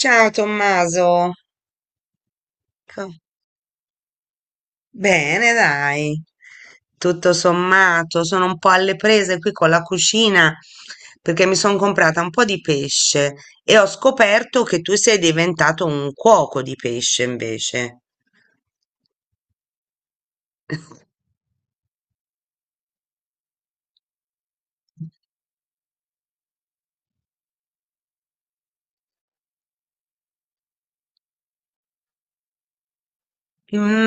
Ciao Tommaso, Co- bene dai, tutto sommato, sono un po' alle prese qui con la cucina perché mi sono comprata un po' di pesce e ho scoperto che tu sei diventato un cuoco di pesce invece.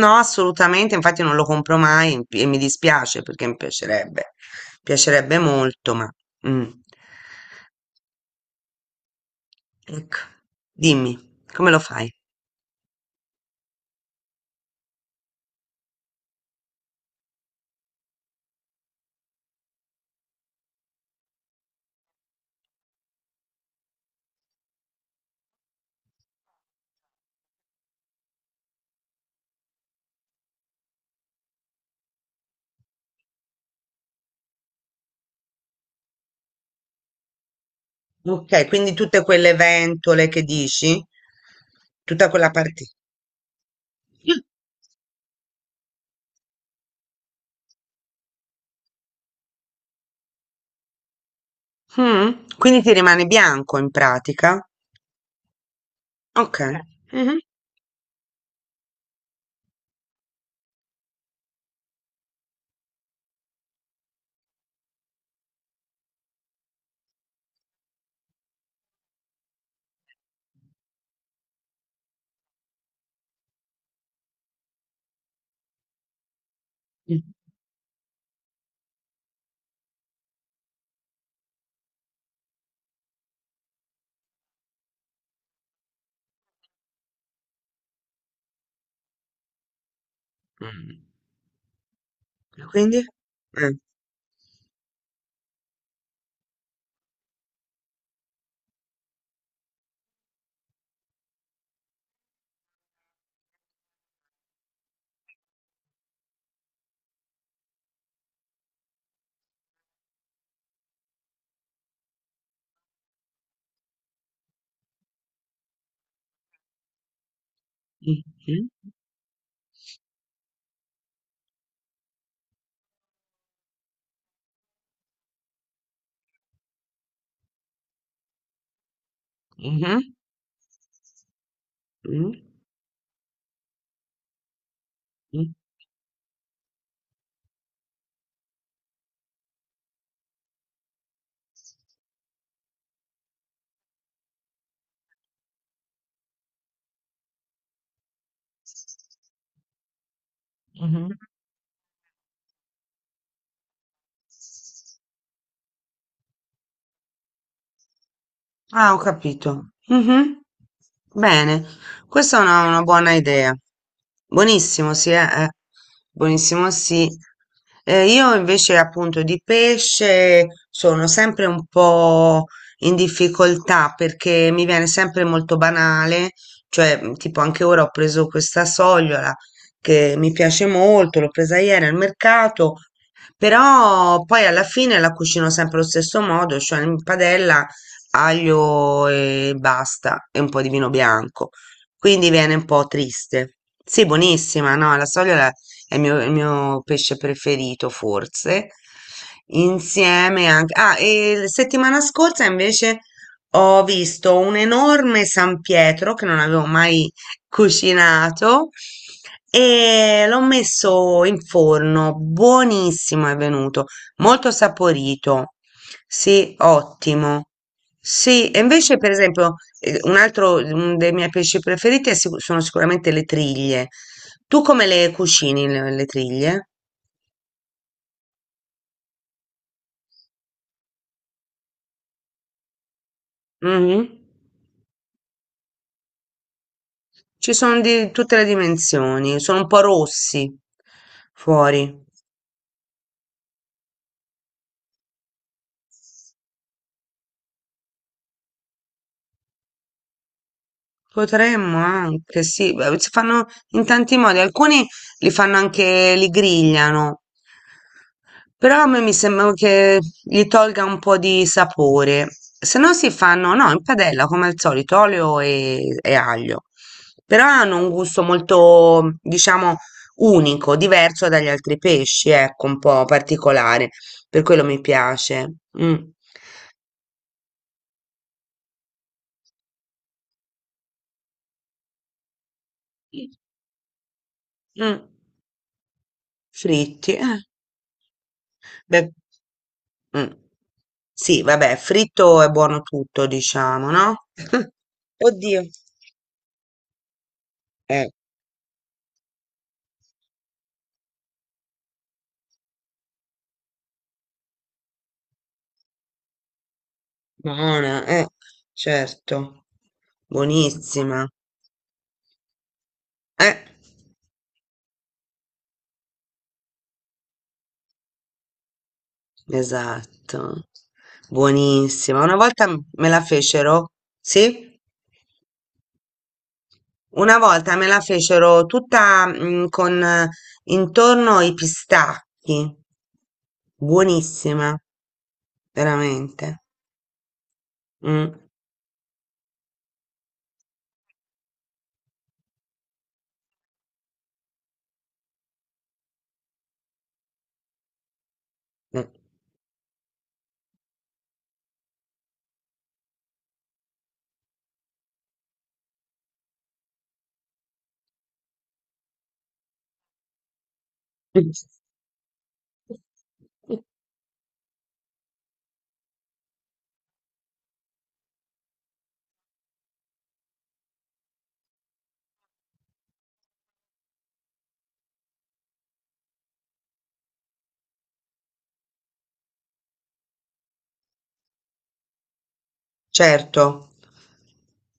No, assolutamente, infatti non lo compro mai e mi dispiace perché mi piacerebbe, piacerebbe molto, ma... mm. Ecco, dimmi, come lo fai? Ok, quindi tutte quelle ventole che dici, tutta quella parte. Mm, quindi ti rimane bianco in pratica. Ok. Mhm. Mm. Quindi? eh, mhm, mhm, mhm, mhm, Ah, ho capito. Mh-mh. Bene, questa è una buona idea. Buonissimo, sì, Buonissimo, sì. Io invece appunto di pesce sono sempre un po' in difficoltà perché mi viene sempre molto banale, cioè tipo anche ora ho preso questa sogliola che mi piace molto, l'ho presa ieri al mercato, però poi alla fine la cucino sempre allo stesso modo, cioè in padella aglio e basta e un po' di vino bianco. Quindi viene un po' triste. Sì, buonissima, no, la soglia è il mio pesce preferito, forse. Insieme anche... Ah, e la settimana scorsa invece ho visto un enorme San Pietro che non avevo mai cucinato e l'ho messo in forno, buonissimo è venuto. Molto saporito. Sì, ottimo. Sì, e invece per esempio un altro dei miei pesci preferiti è sono sicuramente le triglie. Tu come le cucini le triglie? Mhm. Ci sono di tutte le dimensioni, sono un po' rossi fuori. Potremmo anche, sì, beh, si fanno in tanti modi, alcuni li fanno anche, li grigliano, però a me mi sembra che gli tolga un po' di sapore, se no si fanno, no, in padella come al solito, olio e aglio, però hanno un gusto molto, diciamo, unico, diverso dagli altri pesci, ecco, un po' particolare, per quello mi piace. Mm. Mm. Fritti, eh. Beh. Mh. Sì, vabbè, fritto è buono tutto diciamo, no? Oddio. Eh, Buona, certo. Buonissima. Eh, esatto. Buonissima. Una volta m me la fecero sì? Una volta me la fecero tutta, mhmm, con intorno i pistacchi. Buonissima, veramente. Mh, mh. Certo,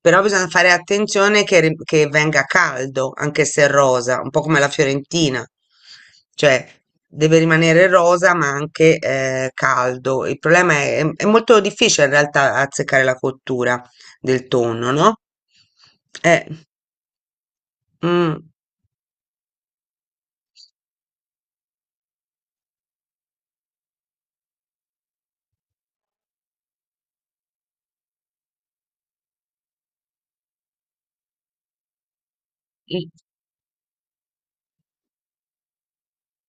però bisogna fare attenzione che, che venga caldo, anche se è rosa, un po' come la Fiorentina, cioè deve rimanere rosa ma anche caldo. Il problema è molto difficile in realtà azzeccare la cottura del tonno, no? Eh, mm, mm,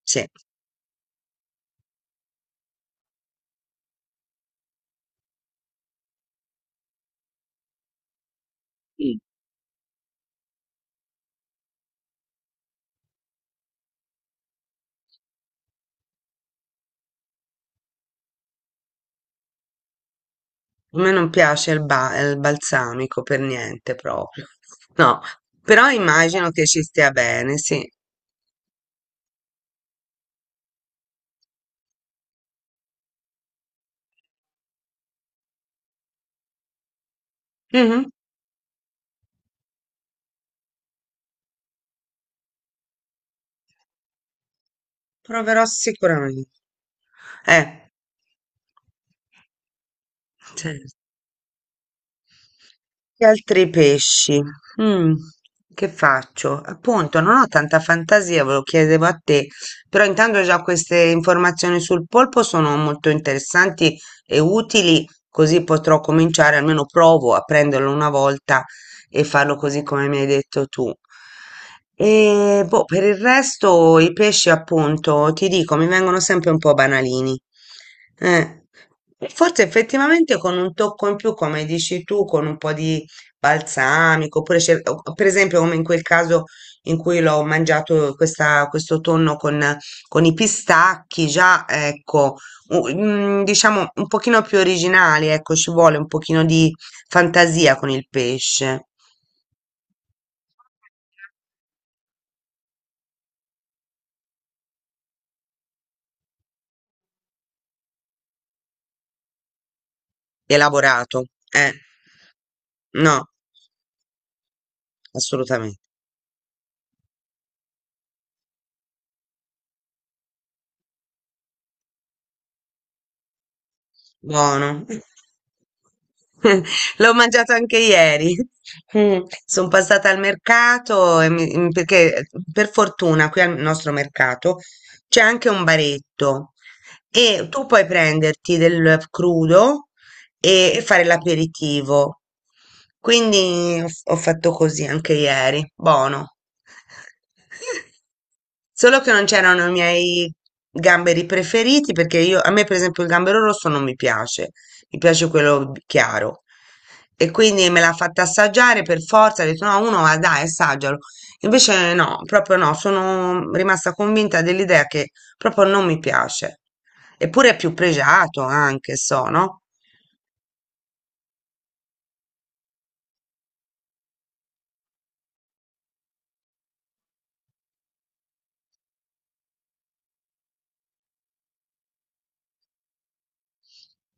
sì, sì. A me non piace il balsamico per niente proprio, no, però immagino che ci stia bene, sì. Proverò sicuramente. Eh, certo. Che altri pesci? Mm, che faccio? Appunto, non ho tanta fantasia, ve lo chiedevo a te, però intanto già queste informazioni sul polpo sono molto interessanti e utili, così potrò cominciare, almeno provo a prenderlo una volta e farlo così come mi hai detto tu. E boh, per il resto i pesci, appunto, ti dico, mi vengono sempre un po' banalini. Eh, forse effettivamente con un tocco in più, come dici tu, con un po' di balsamico, oppure per esempio come in quel caso in cui l'ho mangiato questo tonno con i pistacchi, già ecco, diciamo un pochino più originali, ecco, ci vuole un pochino di fantasia con il pesce elaborato. Eh, no, assolutamente. Buono. L'ho mangiato anche ieri. Sono passata al mercato e perché per fortuna qui al nostro mercato c'è anche un baretto e tu puoi prenderti del crudo e fare l'aperitivo. Quindi ho fatto così anche ieri, buono. Solo che non c'erano i miei gamberi preferiti perché io, a me per esempio il gambero rosso non mi piace, mi piace chiaro. E quindi me l'ha fatta assaggiare per forza, ho detto no, uno va dai, assaggialo. Invece no, proprio no, sono rimasta convinta dell'idea che proprio non mi piace. Eppure è più pregiato anche, so, no?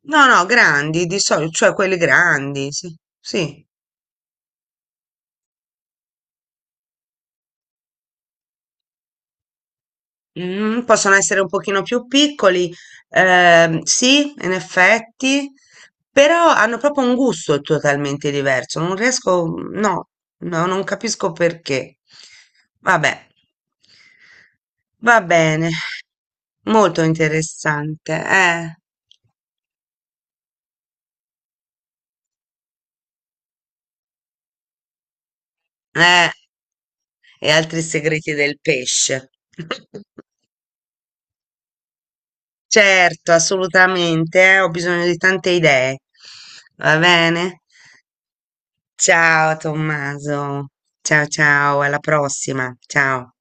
No, no, grandi di solito, cioè quelli grandi, sì, sì. Mm, possono essere un pochino più piccoli, sì, in effetti, però hanno proprio un gusto totalmente diverso. Non riesco, no, no, non capisco perché. Vabbè, va bene, molto interessante, eh, e altri segreti del pesce. Certo, assolutamente, ho bisogno di tante idee. Va bene? Ciao Tommaso. Ciao ciao, alla prossima. Ciao.